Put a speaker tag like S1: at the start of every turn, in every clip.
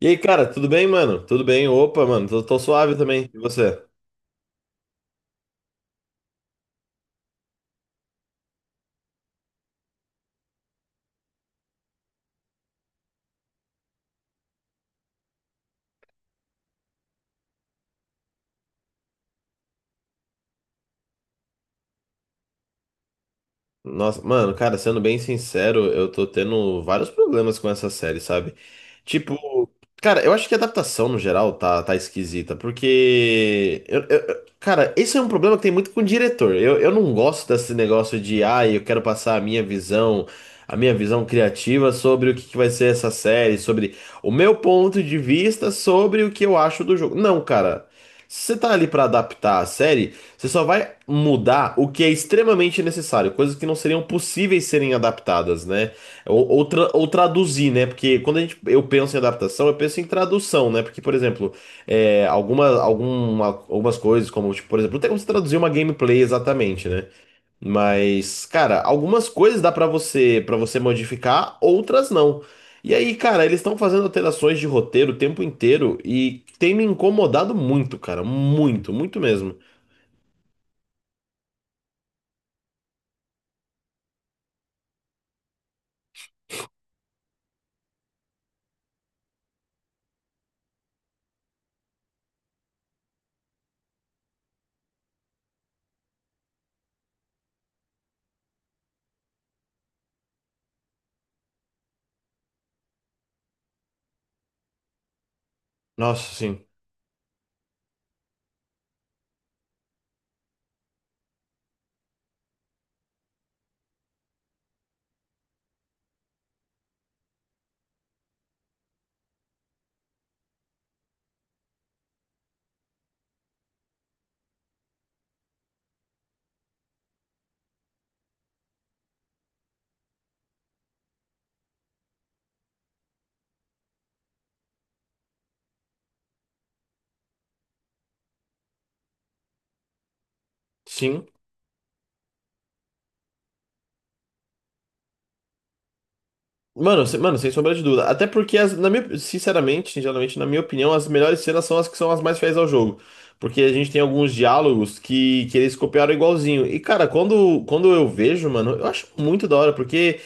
S1: E aí, cara, tudo bem, mano? Tudo bem? Opa, mano, tô suave também. E você? Nossa, mano, cara, sendo bem sincero, eu tô tendo vários problemas com essa série, sabe? Tipo, cara, eu acho que a adaptação no geral tá esquisita, porque. Eu- cara, esse é um problema que tem muito com o diretor. Eu não gosto desse negócio de, ah, eu quero passar a minha visão criativa sobre o que que vai ser essa série, sobre o meu ponto de vista sobre o que eu acho do jogo. Não, cara. Se você tá ali pra adaptar a série. Você só vai mudar o que é extremamente necessário, coisas que não seriam possíveis serem adaptadas, né? Ou traduzir, né? Porque quando a gente, eu penso em adaptação, eu penso em tradução, né? Porque, por exemplo, é, algumas coisas, como, tipo, por exemplo, não tem como você traduzir uma gameplay exatamente, né? Mas, cara, algumas coisas dá pra você modificar, outras não. E aí, cara, eles estão fazendo alterações de roteiro o tempo inteiro e tem me incomodado muito, cara, muito, muito mesmo. Nossa, sim. Sim. Mano, sem sombra de dúvida. Até porque, na minha, sinceramente, geralmente na minha opinião, as melhores cenas são as que são as mais fiéis ao jogo. Porque a gente tem alguns diálogos que eles copiaram igualzinho. E, cara, quando eu vejo, mano, eu acho muito da hora, porque.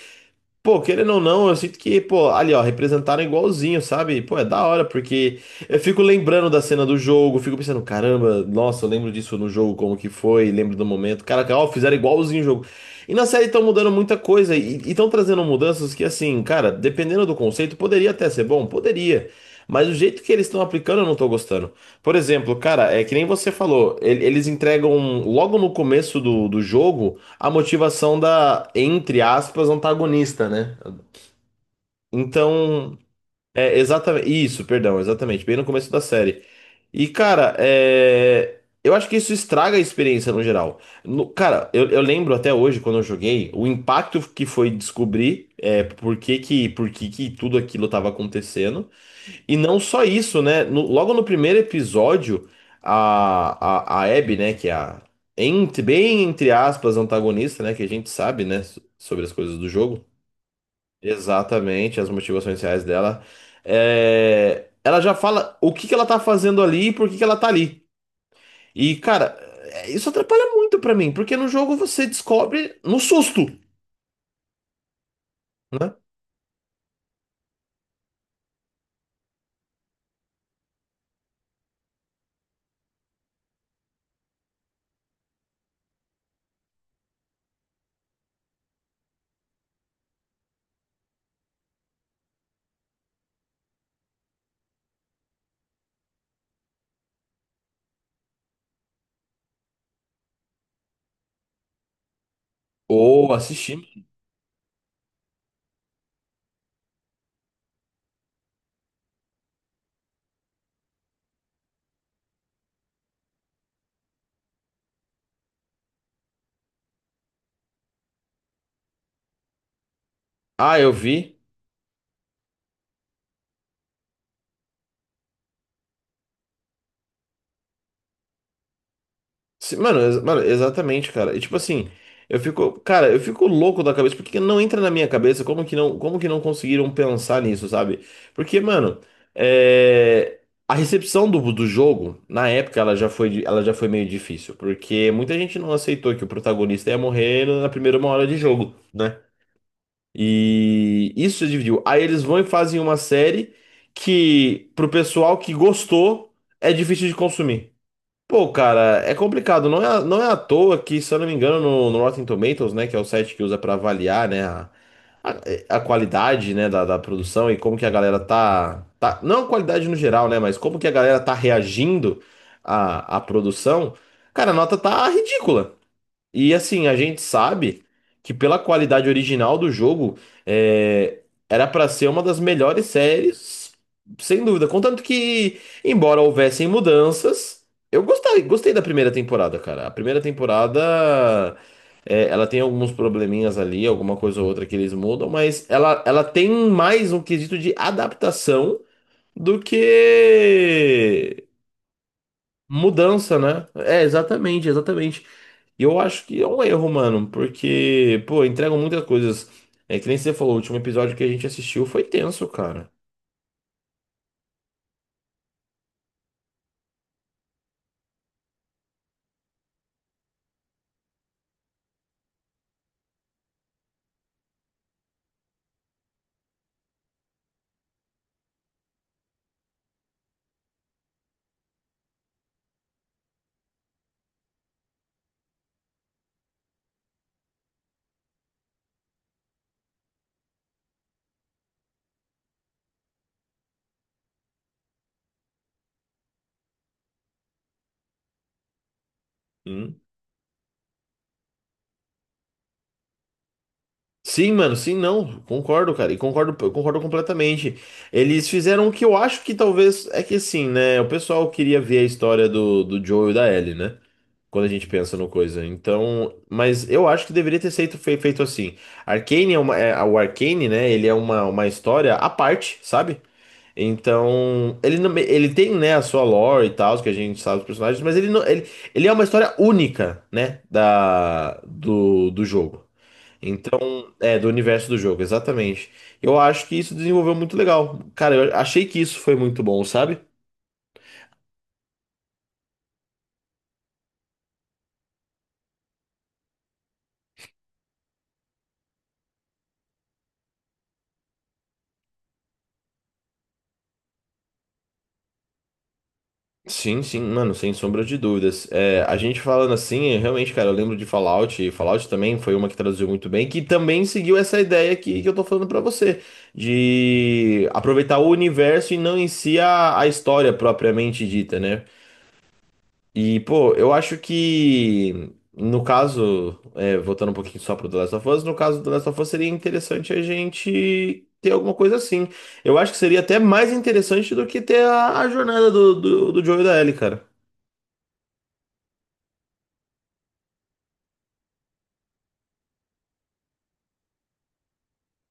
S1: Pô, querendo ou não, eu sinto que, pô, ali, ó, representaram igualzinho, sabe? Pô, é da hora, porque eu fico lembrando da cena do jogo, fico pensando, caramba, nossa, eu lembro disso no jogo, como que foi, lembro do momento. Caraca, ó, fizeram igualzinho o jogo. E na série estão mudando muita coisa, e estão trazendo mudanças que, assim, cara, dependendo do conceito, poderia até ser bom, poderia. Mas o jeito que eles estão aplicando, eu não tô gostando. Por exemplo, cara, é que nem você falou, eles entregam logo no começo do jogo a motivação da, entre aspas, antagonista, né? Então, é exatamente isso, perdão, exatamente, bem no começo da série. E, cara, é, eu acho que isso estraga a experiência no geral. Cara, eu lembro até hoje, quando eu joguei, o impacto que foi descobrir é, por que que tudo aquilo estava acontecendo. E não só isso, né? Logo no primeiro episódio, a Abby, né, que é a, entre- bem entre aspas, antagonista, né, que a gente sabe, né, sobre as coisas do jogo, exatamente, as motivações reais dela, é, ela já fala o que que ela tá fazendo ali e por que que ela tá ali. E, cara, é, isso atrapalha muito pra mim, porque no jogo você descobre no susto, né? Ou assistindo. Ah, eu vi. Sim, mano, exatamente, cara. E tipo assim, eu fico, cara, eu fico louco da cabeça, porque não entra na minha cabeça como que não conseguiram pensar nisso, sabe? Porque, mano, é, a recepção do, do jogo, na época, ela já foi, ela já foi meio difícil, porque muita gente não aceitou que o protagonista ia morrer na primeira uma hora de jogo, né? E isso dividiu. Aí eles vão e fazem uma série que, pro pessoal que gostou, é difícil de consumir. Pô, cara, é complicado. Não é à toa que, se eu não me engano, no Rotten Tomatoes, né, que é o site que usa pra avaliar, né, a qualidade, né, da produção e como que a galera tá. Não a qualidade no geral, né, mas como que a galera tá reagindo à produção, cara, a nota tá ridícula. E assim, a gente sabe que pela qualidade original do jogo, é, era pra ser uma das melhores séries, sem dúvida. Contanto que, embora houvessem mudanças, eu gostei, gostei da primeira temporada, cara. A primeira temporada, é, ela tem alguns probleminhas ali, alguma coisa ou outra que eles mudam, mas ela tem mais um quesito de adaptação do que Mudança, né? É, exatamente, exatamente. E eu acho que é um erro, mano, porque, pô, entregam muitas coisas. É que nem você falou, o último episódio que a gente assistiu foi tenso, cara. Hum. Sim, mano, sim, não, concordo, cara, e concordo, eu concordo completamente. Eles fizeram o que eu acho que talvez, é que assim, né, o pessoal queria ver a história do Joe e da Ellie, né? Quando a gente pensa no coisa. Então, mas eu acho que deveria ter feito, feito assim. Arcane é uma, o Arcane, né? Ele é uma história à parte, sabe? Então, ele não, ele tem, né, a sua lore e tal, que a gente sabe os personagens, mas ele não, ele é uma história única, né, da, do jogo. Então, é, do universo do jogo, exatamente. Eu acho que isso desenvolveu muito legal. Cara, eu achei que isso foi muito bom, sabe? Sim, sim, mano, sem sombra de dúvidas. É, a gente falando assim, realmente, cara, eu lembro de Fallout, e Fallout também foi uma que traduziu muito bem, que também seguiu essa ideia que eu tô falando pra você, de aproveitar o universo e não em si a história propriamente dita, né? E, pô, eu acho que, no caso, é, voltando um pouquinho só pro The Last of Us, no caso do The Last of Us seria interessante a gente ter alguma coisa assim. Eu acho que seria até mais interessante do que ter a jornada do Joel e da Ellie, cara.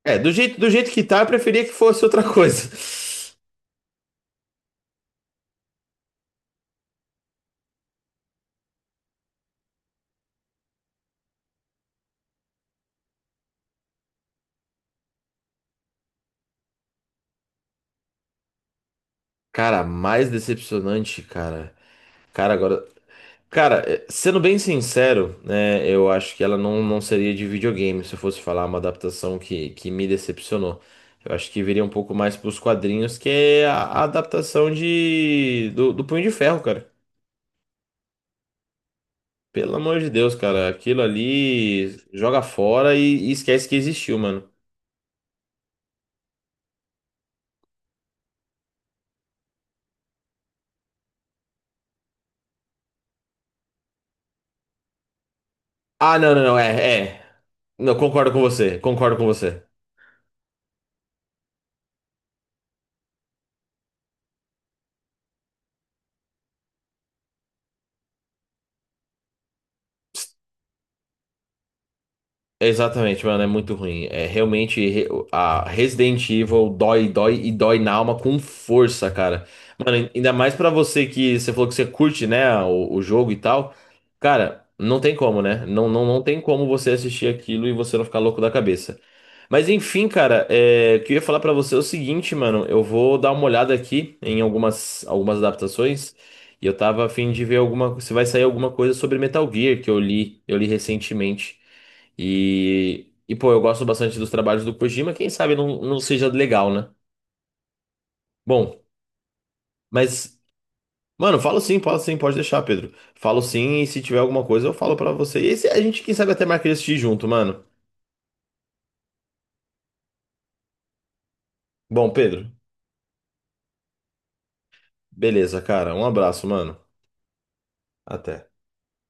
S1: É, do jeito que tá, eu preferia que fosse outra coisa. Cara, mais decepcionante, cara. Cara, agora. Cara, eh, sendo bem sincero, né, eu acho que ela não, não seria de videogame se eu fosse falar uma adaptação que me decepcionou. Eu acho que viria um pouco mais pros quadrinhos, que é a adaptação de do Punho de Ferro, cara. Pelo amor de Deus, cara, aquilo ali joga fora e esquece que existiu, mano. Ah, não, é, é. Não, concordo com você, concordo com você. Exatamente, mano, é muito ruim. É realmente a Resident Evil dói, dói e dói na alma com força, cara. Mano, ainda mais pra você que você falou que você curte, né, o jogo e tal. Cara, não tem como, né? Não tem como você assistir aquilo e você não ficar louco da cabeça. Mas enfim, cara, é, o que eu ia falar pra você é o seguinte, mano. Eu vou dar uma olhada aqui em algumas adaptações e eu tava a fim de ver alguma, se vai sair alguma coisa sobre Metal Gear que eu li recentemente. E pô, eu gosto bastante dos trabalhos do Kojima, quem sabe não seja legal, né? Bom, mas, mano, falo sim, pode deixar, Pedro. Falo sim, e se tiver alguma coisa, eu falo pra você. A gente, quem sabe, até marca de assistir junto, mano. Bom, Pedro, beleza, cara. Um abraço, mano. Até.